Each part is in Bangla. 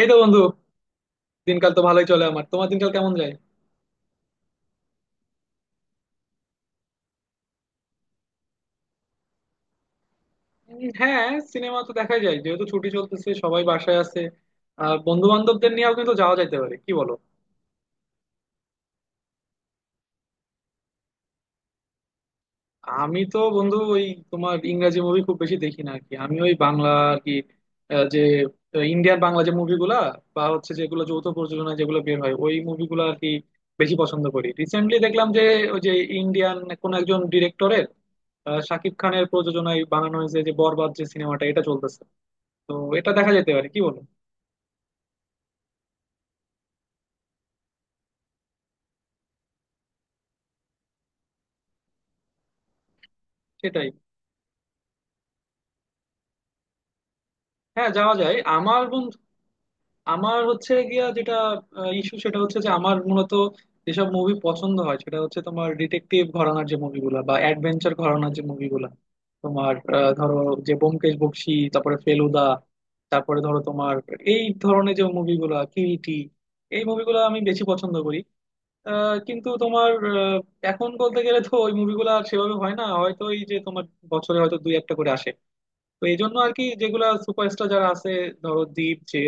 এই তো বন্ধু। দিনকাল তো ভালোই চলে, আমার। তোমার দিনকাল কেমন যায়? হ্যাঁ, সিনেমা তো দেখাই যায়, যেহেতু ছুটি চলতেছে সবাই বাসায় আছে। আর বন্ধু বান্ধবদের নিয়েও কিন্তু যাওয়া যাইতে পারে, কি বলো? আমি তো বন্ধু ওই, তোমার ইংরাজি মুভি খুব বেশি দেখি না আর কি। আমি ওই বাংলা আর কি, যে ইন্ডিয়ান বাংলা যে মুভিগুলা, বা হচ্ছে যেগুলো যৌথ প্রযোজনায় যেগুলো বের হয় ওই মুভিগুলো আর কি বেশি পছন্দ করি। রিসেন্টলি দেখলাম যে ওই যে ইন্ডিয়ান কোন একজন ডিরেক্টরের, শাকিব খানের প্রযোজনায় বানানো হয়েছে, যে বরবাদ যে সিনেমাটা এটা চলতেছে। তো এটা দেখা যেতে পারে, কি বলো? সেটাই। হ্যাঁ, যাওয়া যায় আমার বন্ধু। আমার হচ্ছে গিয়া যেটা ইস্যু, সেটা হচ্ছে যে আমার মূলত যেসব মুভি পছন্দ হয় সেটা হচ্ছে তোমার ডিটেকটিভ ঘরানার যে মুভিগুলা, বা অ্যাডভেঞ্চার ঘরানার যে মুভিগুলা। তোমার ধরো, যে ব্যোমকেশ বক্সী, তারপরে ফেলুদা, তারপরে ধরো তোমার এই ধরনের যে মুভিগুলা, কিরিটি, এই মুভিগুলো আমি বেশি পছন্দ করি। কিন্তু তোমার আহ, এখন বলতে গেলে তো ওই মুভিগুলো আর সেভাবে হয় না হয়তো। এই যে তোমার বছরে হয়তো দুই একটা করে আসে। তো এই জন্য আর কি, যেগুলা সুপারস্টার যারা আছে, ধরো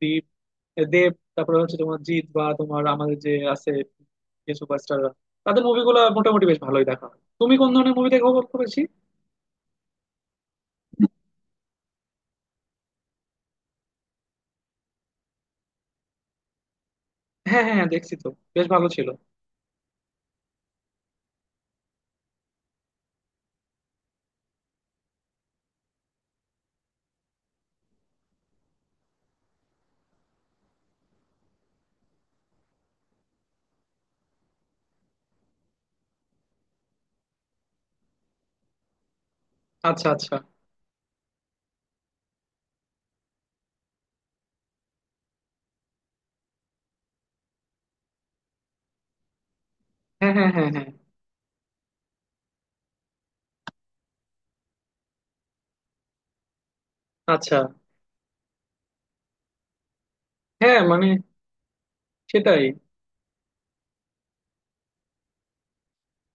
দীপ দেব, তারপরে হচ্ছে তোমার জিৎ, বা তোমার আমাদের যে আছে যে সুপারস্টাররা, তাদের মুভিগুলো মোটামুটি বেশ ভালোই দেখা হয়। তুমি কোন ধরনের মুভি দেখো বলতে বেশি? হ্যাঁ হ্যাঁ হ্যাঁ, দেখছি তো। বেশ ভালো ছিল। আচ্ছা আচ্ছা। হ্যাঁ হ্যাঁ হ্যাঁ হ্যাঁ। আচ্ছা। হ্যাঁ মানে, সেটাই।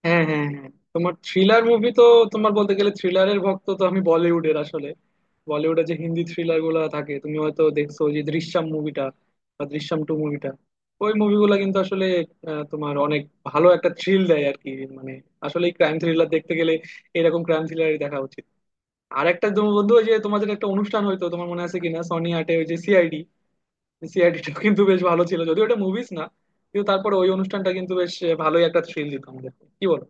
হ্যাঁ হ্যাঁ হ্যাঁ, তোমার থ্রিলার মুভি তো, তোমার বলতে গেলে থ্রিলারের ভক্ত তো। আমি বলিউডের আসলে, বলিউডে যে হিন্দি থ্রিলার গুলো থাকে, তুমি হয়তো দেখছো যে দৃশ্যম মুভিটা, বা দৃশ্যম 2 মুভিটা, ওই মুভিগুলো কিন্তু আসলে তোমার অনেক ভালো একটা থ্রিল দেয় আর কি। মানে আসলে ক্রাইম থ্রিলার দেখতে গেলে এরকম ক্রাইম থ্রিলারই দেখা উচিত। আর একটা তুমি বন্ধু, ওই যে তোমাদের একটা অনুষ্ঠান, হয়তো তোমার মনে আছে কিনা, সনি আটে ওই যে সিআইডি। সিআইডিটা কিন্তু বেশ ভালো ছিল, যদিও এটা মুভিস না, কিন্তু তারপরে ওই অনুষ্ঠানটা কিন্তু বেশ ভালোই একটা থ্রিল দিত আমাদের, কি বলো?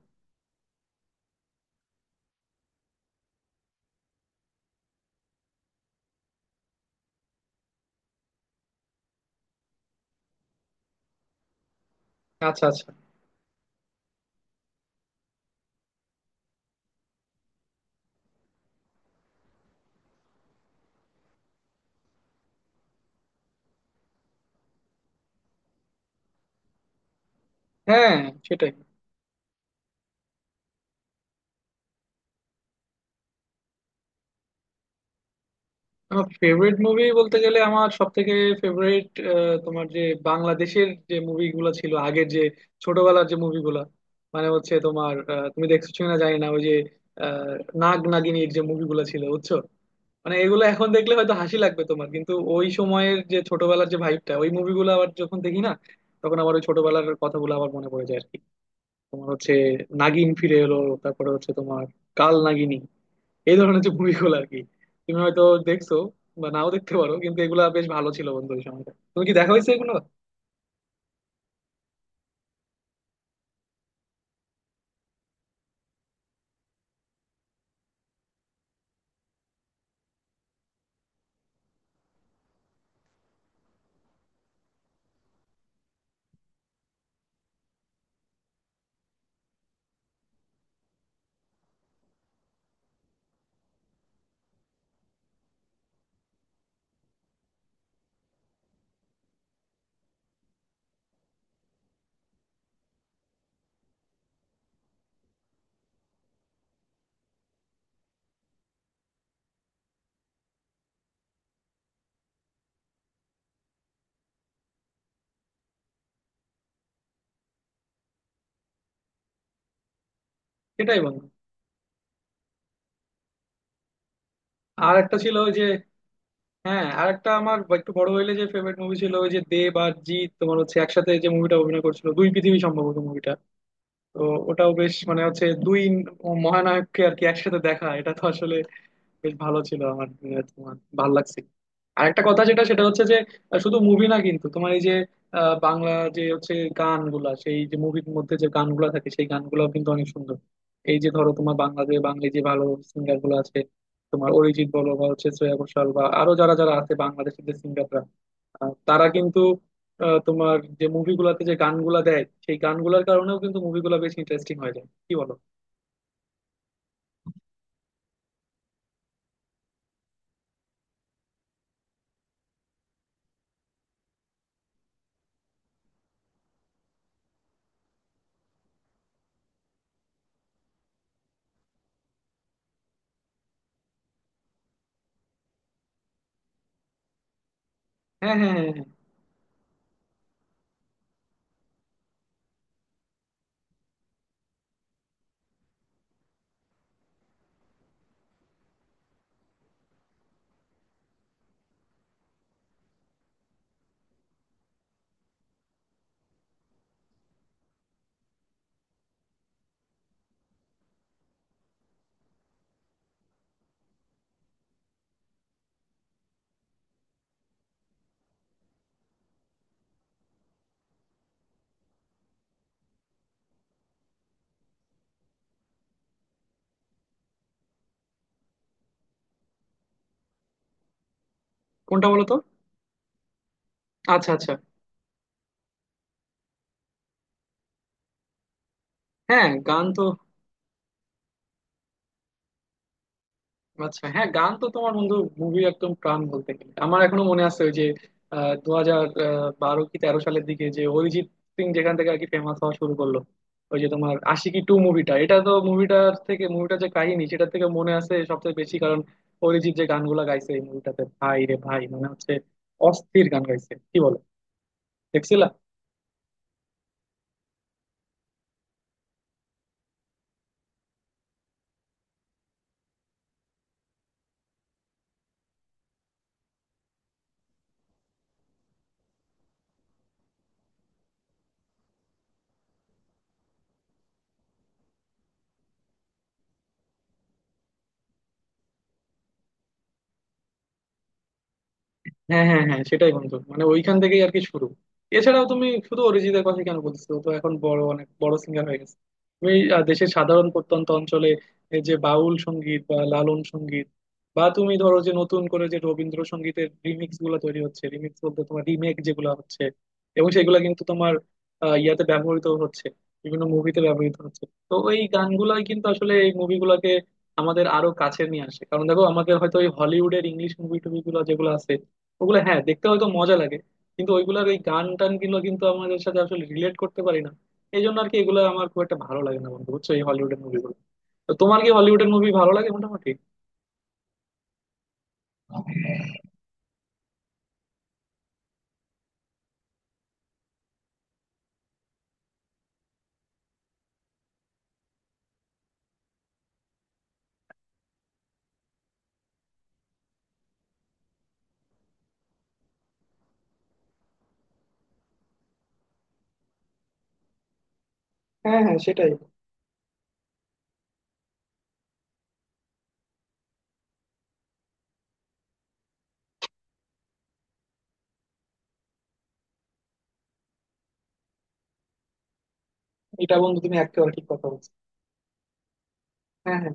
আচ্ছা আচ্ছা। হ্যাঁ, সেটাই। আমার ফেভারিট মুভি বলতে গেলে, আমার সব থেকে ফেভারিট তোমার যে বাংলাদেশের যে মুভিগুলো ছিল আগের, যে ছোটবেলার যে মুভিগুলা। মানে হচ্ছে তোমার তুমি দেখছো কিনা জানি না, ওই যে আহ, নাগ নাগিনীর যে মুভিগুলো ছিল বুঝছো। মানে এগুলো এখন দেখলে হয়তো হাসি লাগবে তোমার, কিন্তু ওই সময়ের যে ছোটবেলার যে ভাইবটা, ওই মুভিগুলো আবার যখন দেখি না, তখন আবার ওই ছোটবেলার কথাগুলো আবার মনে পড়ে যায় আর কি। তোমার হচ্ছে নাগিন ফিরে এলো, তারপরে হচ্ছে তোমার কাল নাগিনী, এই ধরনের যে মুভিগুলো আর কি। তুমি হয়তো দেখছো, বা নাও দেখতে পারো, কিন্তু এগুলা বেশ ভালো ছিল বন্ধু, ওই সময়টা। তুমি কি দেখা হয়েছে এগুলো? সেটাই বন্ধু। আর একটা ছিল ওই যে, হ্যাঁ আর একটা আমার একটু বড় হইলে যে ফেভারিট মুভি ছিল, ওই যে দেব আর জিৎ তোমার হচ্ছে একসাথে যে মুভিটা অভিনয় করছিল, দুই পৃথিবী সম্ভবত মুভিটা। তো ওটাও বেশ, মানে হচ্ছে দুই মহানায়ককে আর কি একসাথে দেখা, এটা তো আসলে বেশ ভালো ছিল আমার। তোমার ভালো লাগছে। আরেকটা কথা যেটা সেটা হচ্ছে যে শুধু মুভি না, কিন্তু তোমার এই যে বাংলা যে হচ্ছে গানগুলা, সেই যে মুভির মধ্যে যে গানগুলা থাকে, সেই গানগুলাও কিন্তু অনেক সুন্দর। এই যে ধরো তোমার বাংলাদেশ বাঙালি যে ভালো সিঙ্গার গুলো আছে, তোমার অরিজিৎ বলো, বা হচ্ছে শ্রেয়া ঘোষাল, বা আরো যারা যারা আছে বাংলাদেশের যে সিঙ্গাররা, তারা কিন্তু তোমার যে মুভিগুলাতে যে গানগুলা দেয়, সেই গানগুলার কারণেও কিন্তু মুভিগুলা বেশ ইন্টারেস্টিং হয়ে যায়, কি বলো? হ্যাঁ হ্যাঁ হ্যাঁ হ্যাঁ। কোনটা বলো তো? আচ্ছা আচ্ছা। হ্যাঁ গান তো। আচ্ছা হ্যাঁ, গান তো তোমার বন্ধু মুভি একদম প্রাণ বলতে গেলে। আমার এখনো মনে আছে ওই যে 2012 কি 2013 সালের দিকে, যে অরিজিৎ সিং যেখান থেকে আর কি ফেমাস হওয়া শুরু করলো, ওই যে তোমার আশিকি 2 মুভিটা। এটা তো মুভিটার থেকে মুভিটার যে কাহিনী সেটা থেকে মনে আছে সবচেয়ে বেশি, কারণ অরিজিৎ যে গানগুলা গাইছে এই মুভিটাতে, ভাই রে ভাই, মানে হচ্ছে অস্থির গান গাইছে, কি বলো? দেখছিলা? হ্যাঁ হ্যাঁ হ্যাঁ, সেটাই বন্ধু, মানে ওইখান থেকেই আর কি শুরু। এছাড়াও তুমি শুধু অরিজিতের কথা কেন বলছো, ও তো এখন বড় অনেক বড় সিঙ্গার হয়ে গেছে। তুমি দেশের সাধারণ প্রত্যন্ত অঞ্চলে এই যে বাউল সঙ্গীত বা লালন সঙ্গীত, বা তুমি ধরো যে নতুন করে যে রবীন্দ্রসঙ্গীতের রিমিক্স গুলো তৈরি হচ্ছে, রিমিক্স বলতে তোমার রিমেক যেগুলো হচ্ছে, এবং সেগুলো কিন্তু তোমার ইয়াতে ব্যবহৃত হচ্ছে, বিভিন্ন মুভিতে ব্যবহৃত হচ্ছে। তো ওই গানগুলাই কিন্তু আসলে এই মুভিগুলোকে আমাদের আরো কাছে নিয়ে আসে, কারণ দেখো, আমাদের হয়তো ওই হলিউডের ইংলিশ মুভি টুভি গুলো যেগুলো আছে, ওগুলো হ্যাঁ দেখতে হয়তো মজা লাগে, কিন্তু ওইগুলার ওই গান টান গুলো কিন্তু আমাদের সাথে আসলে রিলেট করতে পারি না। এই জন্য আর কি এগুলো আমার খুব একটা ভালো লাগে না বন্ধু, বুঝছো এই হলিউডের মুভিগুলো। তো তোমার কি হলিউডের মুভি ভালো লাগে মোটামুটি? হ্যাঁ হ্যাঁ, সেটাই। এটা বন্ধু তুমি একেবারে ঠিক কথা বলছো। হ্যাঁ হ্যাঁ,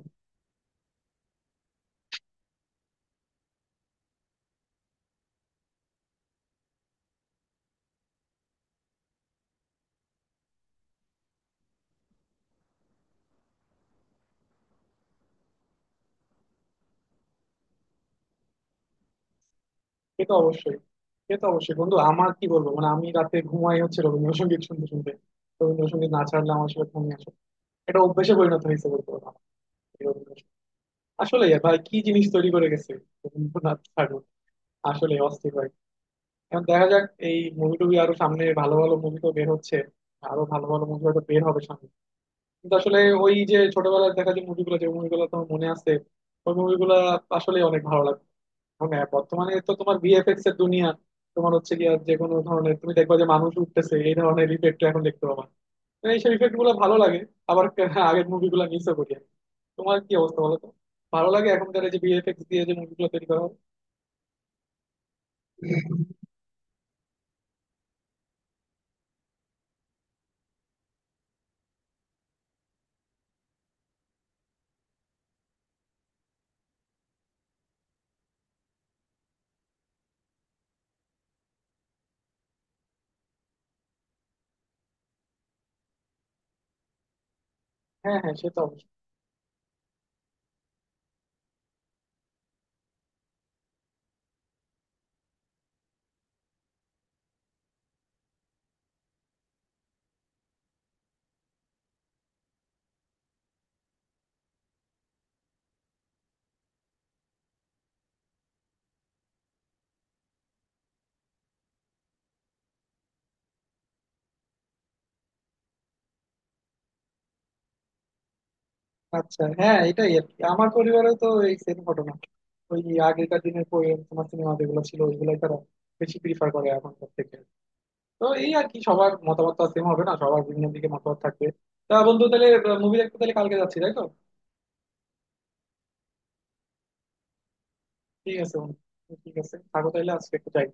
সে তো অবশ্যই। সে তো অবশ্যই বন্ধু। আমার কি বলবো, মানে আমি রাতে ঘুমাই হচ্ছে রবীন্দ্রসঙ্গীত শুনতে শুনতে, রবীন্দ্রসঙ্গীত না ছাড়লে আমার আসলে ঘুমিয়ে আসে। এটা অভ্যেসে পরিণত হয়েছে বলতে পারো আমার, এই রবীন্দ্রসঙ্গীত। আসলে ভাই কি জিনিস তৈরি করে গেছে রবীন্দ্রনাথ ঠাকুর, আসলে অস্থির ভাই। এখন দেখা যাক, এই মুভি টুভি আরো সামনে ভালো ভালো মুভি তো বের হচ্ছে, আরো ভালো ভালো মুভি হয়তো বের হবে সামনে। কিন্তু আসলে ওই যে ছোটবেলায় দেখা যে মুভিগুলো, যে মুভিগুলো তোমার মনে আছে, ওই মুভিগুলো আসলে অনেক ভালো লাগে। এখন হ্যাঁ, বর্তমানে তো তোমার ভিএফএক্স এর দুনিয়া, তোমার হচ্ছে কি যে কোনো ধরনের তুমি দেখবা, যে মানুষ উঠতেছে এই ধরনের ইফেক্ট এখন দেখতে পাবা। মানে এইসব ইফেক্ট গুলো ভালো লাগে, আবার আগের মুভিগুলো মিসও করি আমি। তোমার কি অবস্থা বলো তো, ভালো লাগে এখনকার এই যে ভিএফএক্স দিয়ে যে মুভিগুলো তৈরি করা হয়? হ্যাঁ হ্যাঁ, সে তো অবশ্যই। আচ্ছা হ্যাঁ, এটাই আর কি, আমার পরিবারেও তো এই সেম ঘটনা। ওই আগেকার দিনের তোমার সিনেমা যেগুলো ছিল, ওইগুলাই তারা বেশি প্রিফার করে এখনকার থেকে। তো এই আর কি, সবার মতামত তো সেম হবে না, সবার বিভিন্ন দিকে মতামত থাকবে। তা বন্ধু, তাহলে মুভি দেখতে তাহলে কালকে যাচ্ছি, তাই তো? ঠিক আছে বন্ধু, ঠিক আছে, থাকো তাহলে, আজকে একটু যাই।